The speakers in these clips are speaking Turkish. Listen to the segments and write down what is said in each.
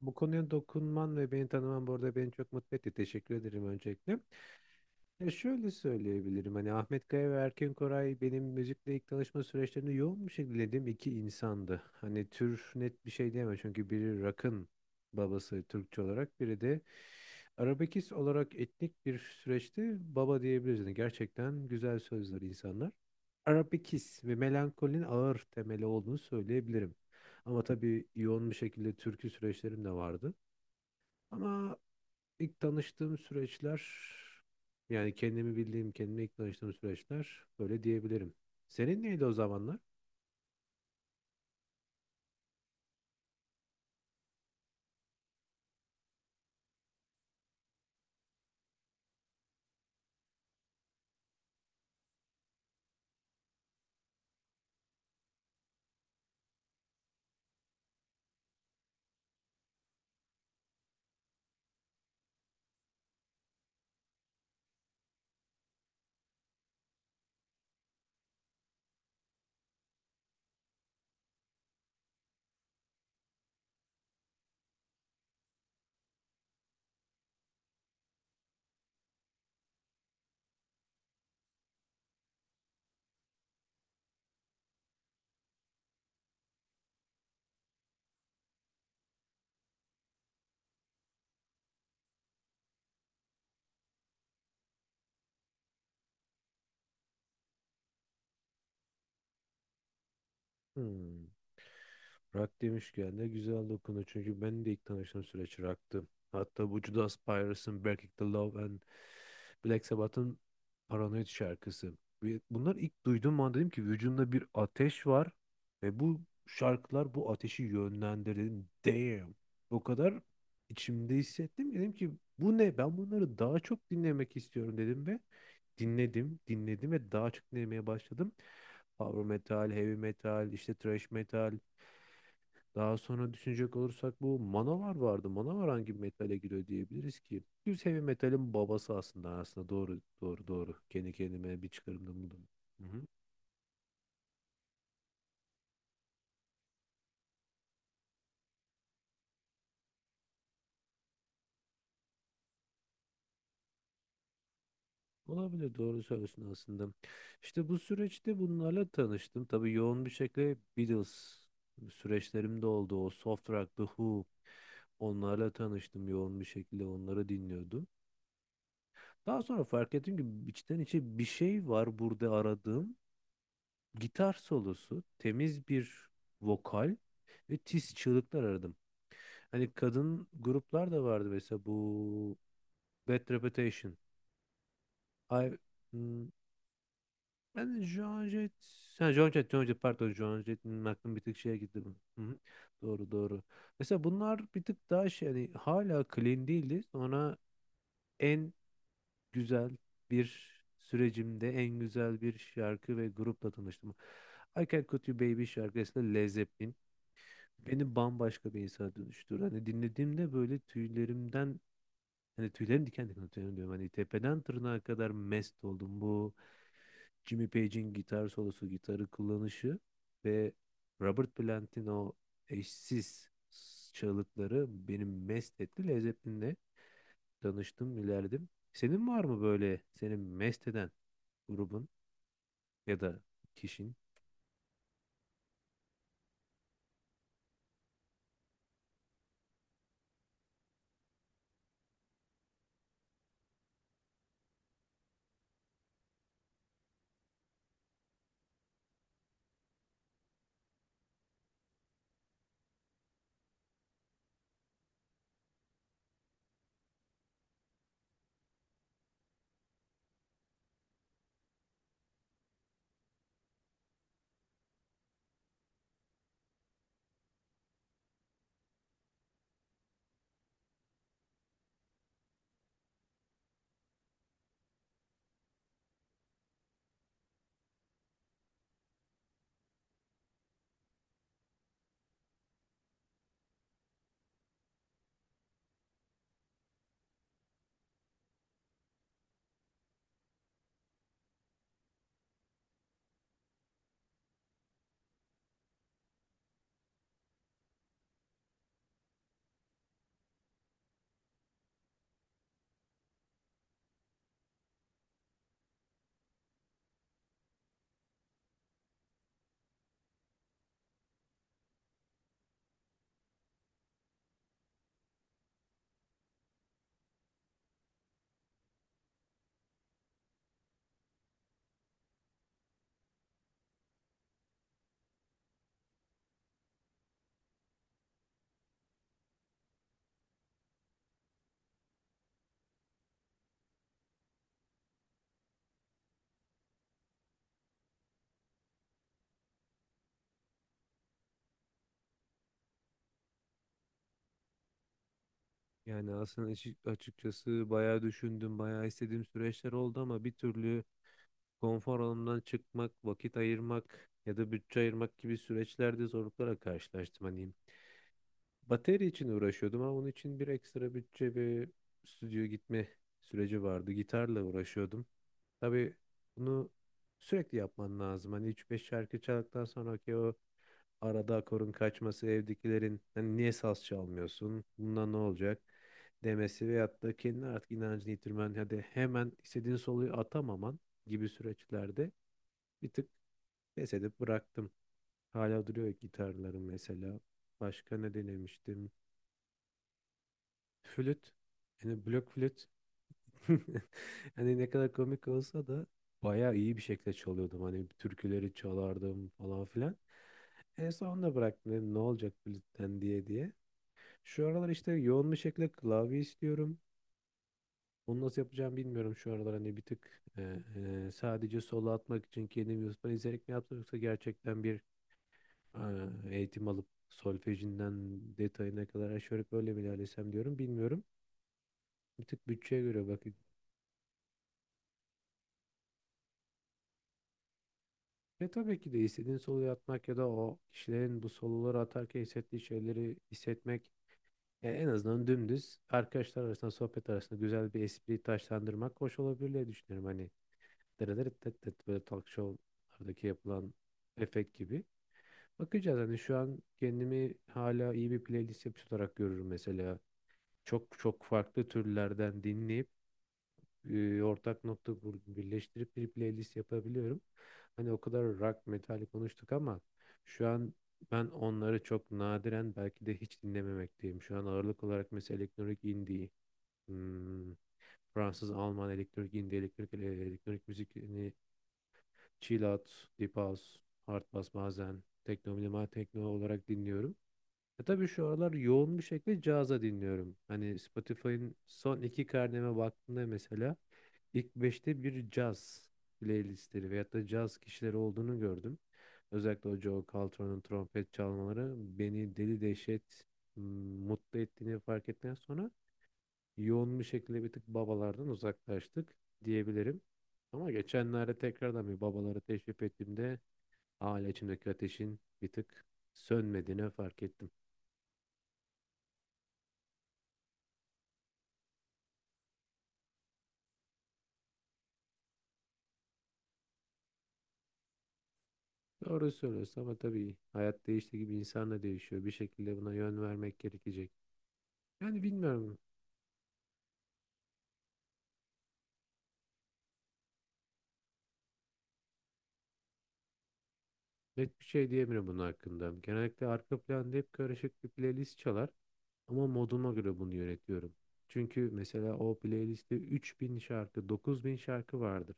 Bu konuya dokunman ve beni tanıman bu arada beni çok mutlu etti. Teşekkür ederim öncelikle. Ya şöyle söyleyebilirim hani Ahmet Kaya ve Erken Koray benim müzikle ilk tanışma süreçlerinde yoğun bir şekilde dinlediğim iki insandı. Hani tür net bir şey diyemem çünkü biri rock'ın babası Türkçe olarak biri de arabekiz olarak etnik bir süreçte baba diyebiliriz. Yani gerçekten güzel sözler insanlar. Arabekiz ve melankolinin ağır temeli olduğunu söyleyebilirim. Ama tabii yoğun bir şekilde türkü süreçlerim de vardı. Ama İlk tanıştığım süreçler yani kendimi bildiğim, kendime ilk tanıştığım süreçler böyle diyebilirim. Senin neydi o zamanlar? Hmm. Rock demişken de güzel dokunu. Çünkü ben de ilk tanıştığım süreç rock'tı. Hatta bu Judas Priest'in Breaking the Law and Black Sabbath'ın Paranoid şarkısı. Ve bunlar ilk duyduğum an dedim ki vücudumda bir ateş var ve bu şarkılar bu ateşi yönlendirin. Damn. O kadar içimde hissettim ki dedim ki bu ne? Ben bunları daha çok dinlemek istiyorum dedim ve dinledim, dinledim ve daha çok dinlemeye başladım. Power metal, heavy metal, işte thrash metal. Daha sonra düşünecek olursak bu Manowar vardı. Manowar hangi metale giriyor diyebiliriz ki? Düz heavy metalin babası aslında doğru doğru doğru. Kendi kendime bir çıkarımda buldum. Hı hı. Olabilir doğru söylüyorsun aslında. İşte bu süreçte bunlarla tanıştım. Tabii yoğun bir şekilde Beatles süreçlerimde oldu. O soft rock, The Who onlarla tanıştım, yoğun bir şekilde onları dinliyordum. Daha sonra fark ettim ki içten içe bir şey var burada aradığım. Gitar solosu, temiz bir vokal ve tiz çığlıklar aradım. Hani kadın gruplar da vardı, mesela bu Bad Reputation. Ay, hmm, ben Joan Jett, pardon, Joan Jett'in, aklım bir tık şeye gitti. Hı hı. Doğru doğru. Mesela bunlar bir tık daha şey, hani hala clean değildi. Sonra en güzel bir sürecimde en güzel bir şarkı ve grupla tanıştım. I Can Cut You Baby şarkısında Led Zeppelin beni bambaşka bir insana dönüştürdü. Hani dinlediğimde böyle tüylerimden, hani tüylerim diken diken, tüylerim diyorum. Hani tepeden tırnağa kadar mest oldum. Bu Jimmy Page'in gitar solosu, gitarı kullanışı ve Robert Plant'in o eşsiz çığlıkları beni mest etti. Led Zeppelin'le tanıştım, ilerledim. Senin var mı böyle senin mest eden grubun ya da kişinin? Yani aslında açıkçası bayağı düşündüm, bayağı istediğim süreçler oldu ama bir türlü konfor alanından çıkmak, vakit ayırmak ya da bütçe ayırmak gibi süreçlerde zorluklara karşılaştım. Hani bateri için uğraşıyordum ama onun için bir ekstra bütçe ve stüdyo gitme süreci vardı. Gitarla uğraşıyordum. Tabii bunu sürekli yapman lazım. Hani üç beş şarkı çaldıktan sonra ki o arada akorun kaçması, evdekilerin hani niye saz çalmıyorsun, bundan ne olacak demesi veyahut da kendine artık inancını yitirmen, hadi hemen istediğin soluyu atamaman gibi süreçlerde bir tık pes edip bıraktım. Hala duruyor gitarlarım mesela. Başka ne denemiştim? Flüt. Yani blok flüt. Hani ne kadar komik olsa da bayağı iyi bir şekilde çalıyordum. Hani türküleri çalardım falan filan. En sonunda bıraktım, dedim ne olacak flütten diye diye. Şu aralar işte yoğun bir şekilde klavye istiyorum. Onu nasıl yapacağımı bilmiyorum şu aralar. Hani bir tık sadece solo atmak için kendim YouTube'dan izleyerek mi yapsam, yoksa gerçekten bir eğitim alıp solfejinden detayına kadar aşağı yukarı böyle mi ilerlesem diyorum, bilmiyorum. Bir tık bütçeye göre bakın. Ve tabii ki de istediğin soloyu atmak ya da o kişilerin bu soloları atarken hissettiği şeyleri hissetmek, en azından dümdüz arkadaşlar arasında, sohbet arasında güzel bir espri taşlandırmak hoş olabilir diye düşünüyorum. Hani dırıdırıtıtıt, böyle talk show'lardaki yapılan efekt gibi. Bakacağız, hani şu an kendimi hala iyi bir playlist yapıcı olarak görürüm mesela. Çok çok farklı türlerden dinleyip ortak nokta birleştirip bir playlist yapabiliyorum. Hani o kadar rock, metal konuştuk ama şu an ben onları çok nadiren, belki de hiç dinlememekteyim. Şu an ağırlık olarak mesela elektronik indie, hmm, Fransız, Alman elektronik indie, elektronik, elektronik müzik, Chill Out, Deep House, Hard Bass, bazen tekno, minimal tekno olarak dinliyorum. E tabii şu aralar yoğun bir şekilde caza dinliyorum. Hani Spotify'ın son iki karneme baktığımda mesela ilk beşte bir caz playlistleri veyahut da caz kişileri olduğunu gördüm. Özellikle o Joe Caltron'un trompet çalmaları beni deli dehşet m, mutlu ettiğini fark ettikten sonra yoğun bir şekilde bir tık babalardan uzaklaştık diyebilirim. Ama geçenlerde tekrardan bir babaları teşrif ettiğimde hala içimdeki ateşin bir tık sönmediğini fark ettim. Doğru söylüyorsun ama tabii hayat değiştiği gibi insan da değişiyor. Bir şekilde buna yön vermek gerekecek. Yani bilmiyorum. Net bir şey diyemiyorum bunun hakkında. Genellikle arka planda hep karışık bir playlist çalar. Ama moduma göre bunu yönetiyorum. Çünkü mesela o playlistte 3000 şarkı, 9000 şarkı vardır.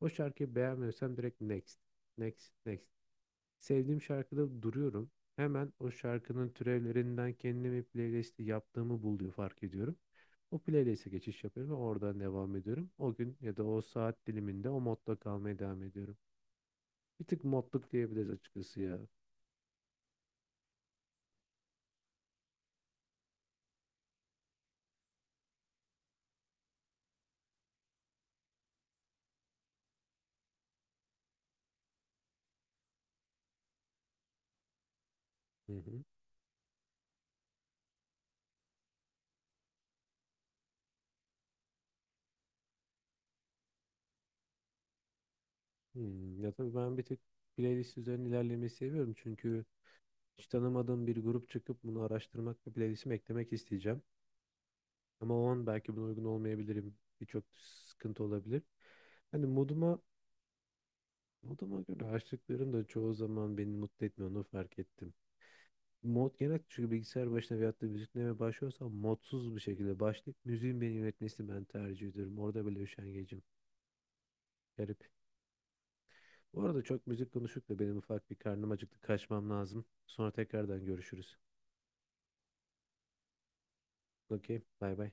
O şarkıyı beğenmiyorsam direkt next, next, next. Sevdiğim şarkıda duruyorum. Hemen o şarkının türevlerinden kendime bir playlisti yaptığımı buluyor, fark ediyorum. O playlist'e geçiş yapıyorum ve oradan devam ediyorum. O gün ya da o saat diliminde o modda kalmaya devam ediyorum. Bir tık modluk diyebiliriz açıkçası ya. Hı hı. Ya tabii ben bir tık playlist üzerine ilerlemeyi seviyorum. Çünkü hiç tanımadığım bir grup çıkıp bunu araştırmak ve playlistime eklemek isteyeceğim. Ama o an belki buna uygun olmayabilirim. Birçok sıkıntı olabilir. Hani moduma göre açtıklarım da çoğu zaman beni mutlu etmiyor, onu fark ettim. Mod genel çünkü bilgisayar başına veyahut da müzik dinlemeye başlıyorsam modsuz bir şekilde başlayıp müziğin beni yönetmesini ben tercih ediyorum. Orada böyle üşengecim. Garip. Bu arada çok müzik konuştuk da benim ufak bir karnım acıktı. Kaçmam lazım. Sonra tekrardan görüşürüz. Okey. Bay bay.